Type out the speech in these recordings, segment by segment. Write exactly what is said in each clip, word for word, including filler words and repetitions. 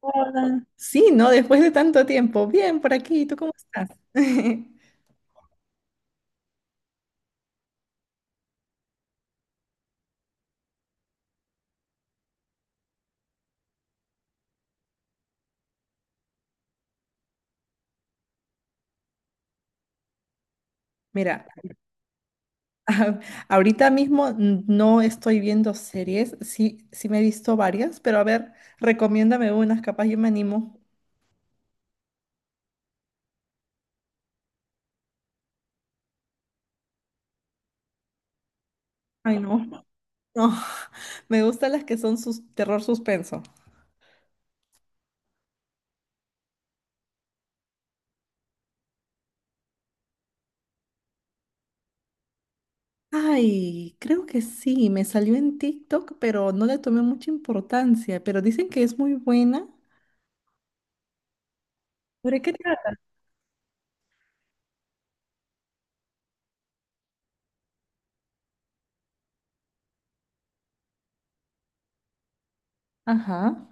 Hola. Sí, ¿no? Después de tanto tiempo. Bien, por aquí. ¿Tú cómo estás? Mira, ahorita mismo no estoy viendo series. Sí, sí me he visto varias, pero a ver, recomiéndame unas, capaz yo me animo. Ay, no. No, me gustan las que son sus terror suspenso. Ay, creo que sí, me salió en TikTok, pero no le tomé mucha importancia, pero dicen que es muy buena. ¿Por qué trata? Ajá.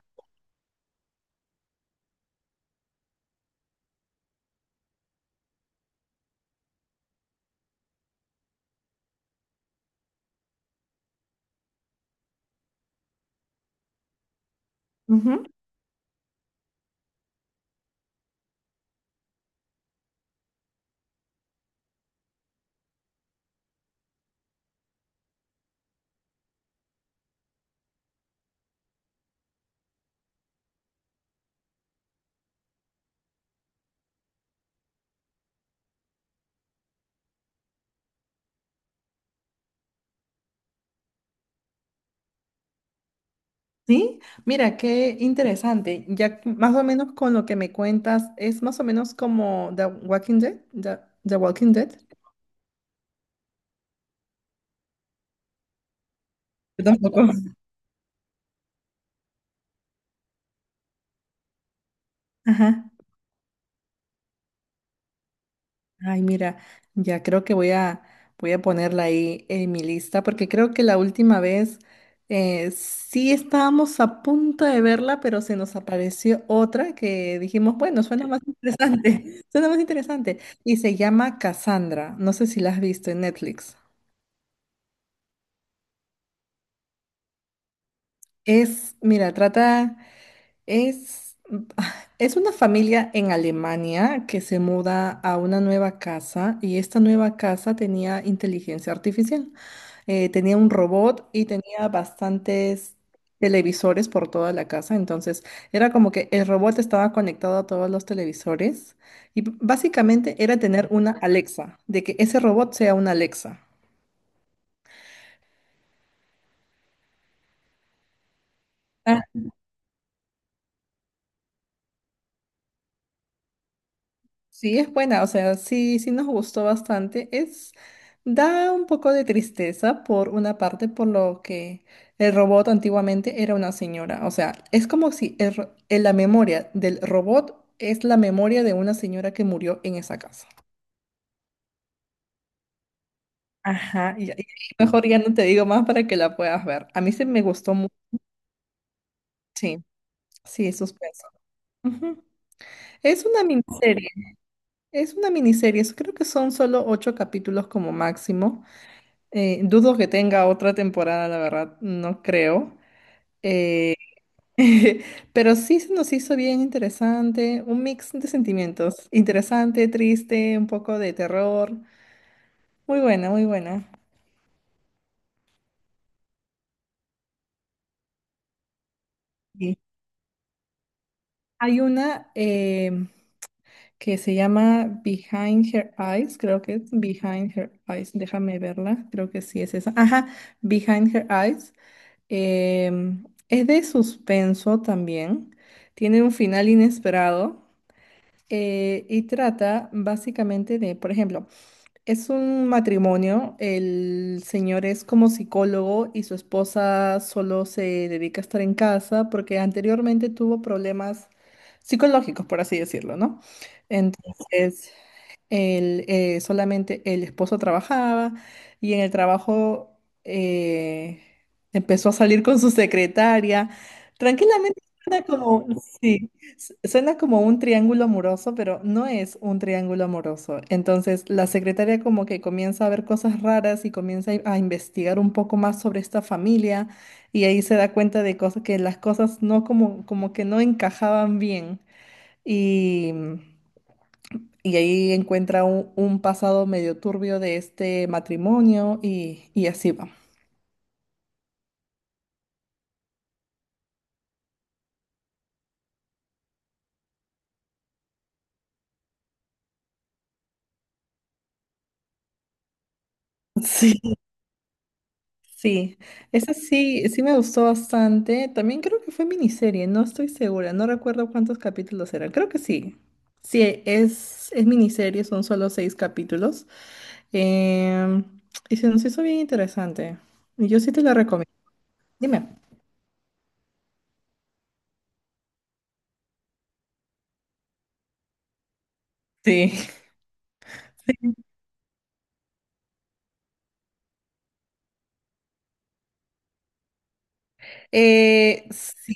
Sí, mira, qué interesante. Ya que más o menos con lo que me cuentas, es más o menos como The Walking Dead. The, The Walking Dead. Yo tampoco. Ajá. Ay, mira, ya creo que voy a, voy a ponerla ahí en mi lista porque creo que la última vez eh, sí estábamos a punto de verla, pero se nos apareció otra que dijimos, bueno, suena más interesante, suena más interesante. Y se llama Cassandra. No sé si la has visto en Netflix. Es, mira, trata... Es, es una familia en Alemania que se muda a una nueva casa y esta nueva casa tenía inteligencia artificial. Eh, tenía un robot y tenía bastantes televisores por toda la casa. Entonces era como que el robot estaba conectado a todos los televisores y b- básicamente era tener una Alexa, de que ese robot sea una Alexa. Sí, es buena, o sea, sí, sí nos gustó bastante. Es, da un poco de tristeza por una parte, por lo que el robot antiguamente era una señora. O sea, es como si el ro- en la memoria del robot es la memoria de una señora que murió en esa casa. Ajá, y, Y ahí mejor ya no te digo más para que la puedas ver. A mí se me gustó mucho. Sí, sí, suspenso. Ujú. Es una miniserie, es una miniserie. Creo que son solo ocho capítulos como máximo. Eh, dudo que tenga otra temporada, la verdad, no creo. Eh, pero sí se nos hizo bien interesante, un mix de sentimientos, interesante, triste, un poco de terror. Muy buena, muy buena. Sí. Hay una em, que se llama Behind Her Eyes, creo que es Behind Her Eyes, déjame verla, creo que sí es esa. Ajá, Behind Her Eyes. Em, es de suspenso también, tiene un final inesperado. Eh, y trata básicamente de, por ejemplo, es un matrimonio, el señor es como psicólogo y su esposa solo se dedica a estar en casa porque anteriormente tuvo problemas psicológicos, por así decirlo, ¿no? Entonces el, eh, solamente el esposo trabajaba y en el trabajo eh, empezó a salir con su secretaria. Tranquilamente suena como, sí, su- suena como un triángulo amoroso, pero no es un triángulo amoroso. Entonces la secretaria como que comienza a ver cosas raras y comienza a a investigar un poco más sobre esta familia y ahí se da cuenta de cosas que las cosas no como, como que no encajaban bien. Y y ahí encuentra un, un pasado medio turbio de este matrimonio y, y así va. Sí, sí. Esa sí, sí me gustó bastante. También creo que fue miniserie, no estoy segura, no recuerdo cuántos capítulos eran. Creo que sí. Sí, es, es miniserie, son solo seis capítulos. Em, y se nos hizo bien interesante. Y Yo sí te la recomiendo. Dime. Sí. Eh, sí.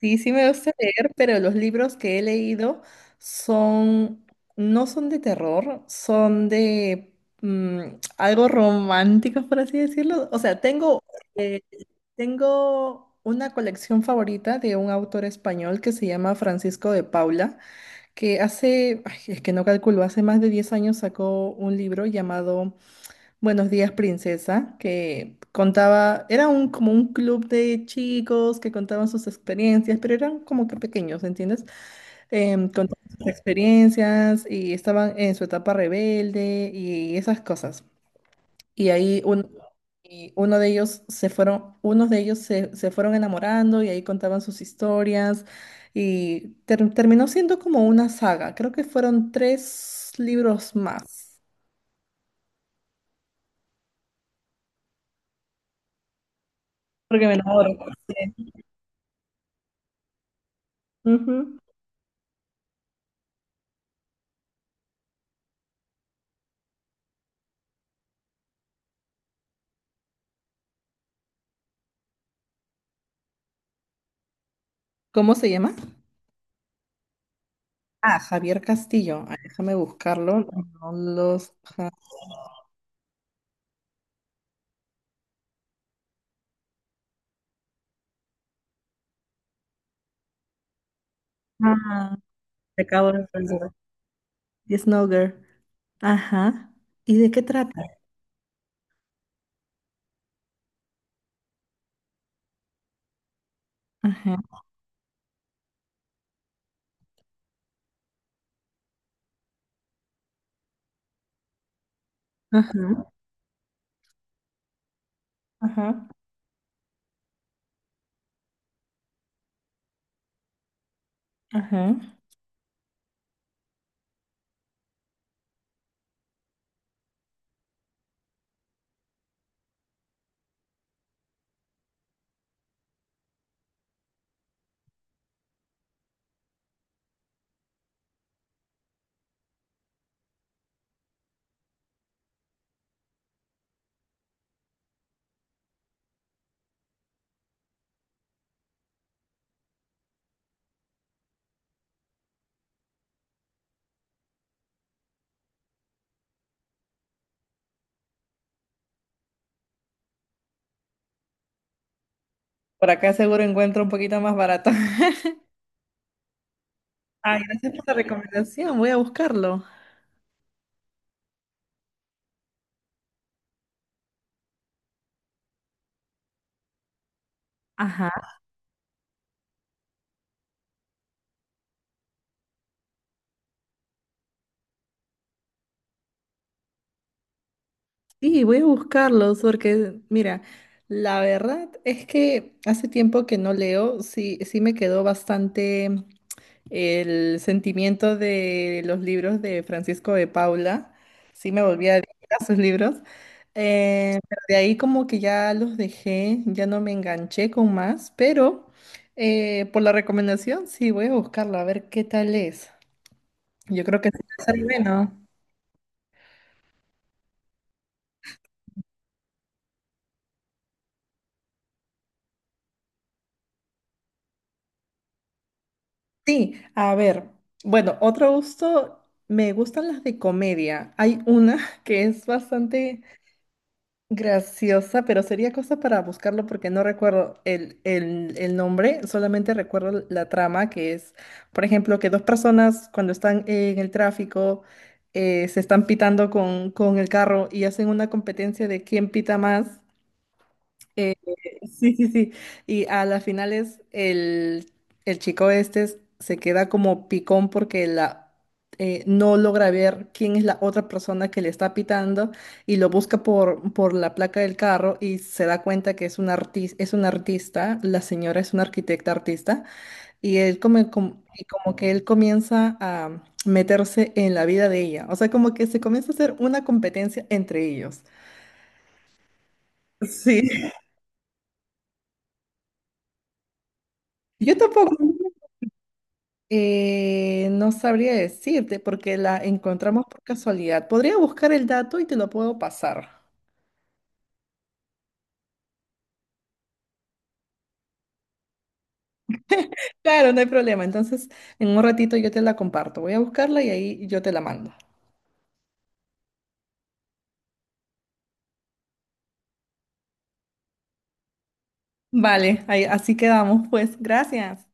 Sí, sí me gusta leer, pero los libros que he leído son, no son de terror, son de mm, algo románticos, por así decirlo. O sea, tengo, eh, tengo una colección favorita de un autor español que se llama Francisco de Paula, que hace, ay, es que no calculo, hace más de diez años sacó un libro llamado Buenos días, princesa, que contaba, era un como un club de chicos que contaban sus experiencias, pero eran como que pequeños, ¿entiendes? Em, contaban sus experiencias y estaban en su etapa rebelde y esas cosas. Y ahí un- y uno de ellos se fueron, unos de ellos se, se fueron enamorando y ahí contaban sus historias y ter- terminó siendo como una saga. Creo que fueron tres libros más, porque me enamoro. Sí. Ujú. ¿Cómo se llama? Ah, Javier Castillo. Ah, déjame buscarlo. No los... ja- Ah, te acabo de entender. Yes, no girl. Ajá. ¿Y de qué trata? Ajá, ajá, ajá, ajá. Por acá seguro encuentro un poquito más barato. Ay, gracias por la recomendación. Voy a buscarlo. Ajá. Sí, voy a buscarlos porque, mira, la verdad es que hace tiempo que no leo, sí, sí me quedó bastante. El sentimiento de los libros de Francisco de Paula, sí me volví adicta a sus libros, eh, pero de ahí como que ya los dejé, ya no me enganché con más, pero eh, por la recomendación sí voy a buscarla a ver qué tal es. Yo creo que sí va a ser bueno. Sí, a ver, bueno, otro gusto, me gustan las de comedia. Hay una que es bastante graciosa, pero sería cosa para buscarlo porque no recuerdo el, el, el nombre, solamente recuerdo la trama que es, por ejemplo, que dos personas cuando están en el tráfico eh, se están pitando con, con el carro y hacen una competencia de quién pita más eh, sí, sí, sí. Y a las finales el, el chico este es- se queda como picón porque la, eh, no logra ver quién es la otra persona que le está pitando y lo busca por, por la placa del carro y se da cuenta que es un artis es un artista, la señora es una arquitecta artista y él come- com- y como que él comienza a meterse en la vida de ella. O sea, como que se comienza a hacer una competencia entre ellos. Sí. Yo tampoco. Eh, no sabría decirte porque la encontramos por casualidad. Podría buscar el dato y te lo puedo pasar. Claro, no hay problema. Entonces, en un ratito yo te la comparto. Voy a buscarla y ahí yo te la mando. Vale, ahí, así quedamos, pues. Gracias.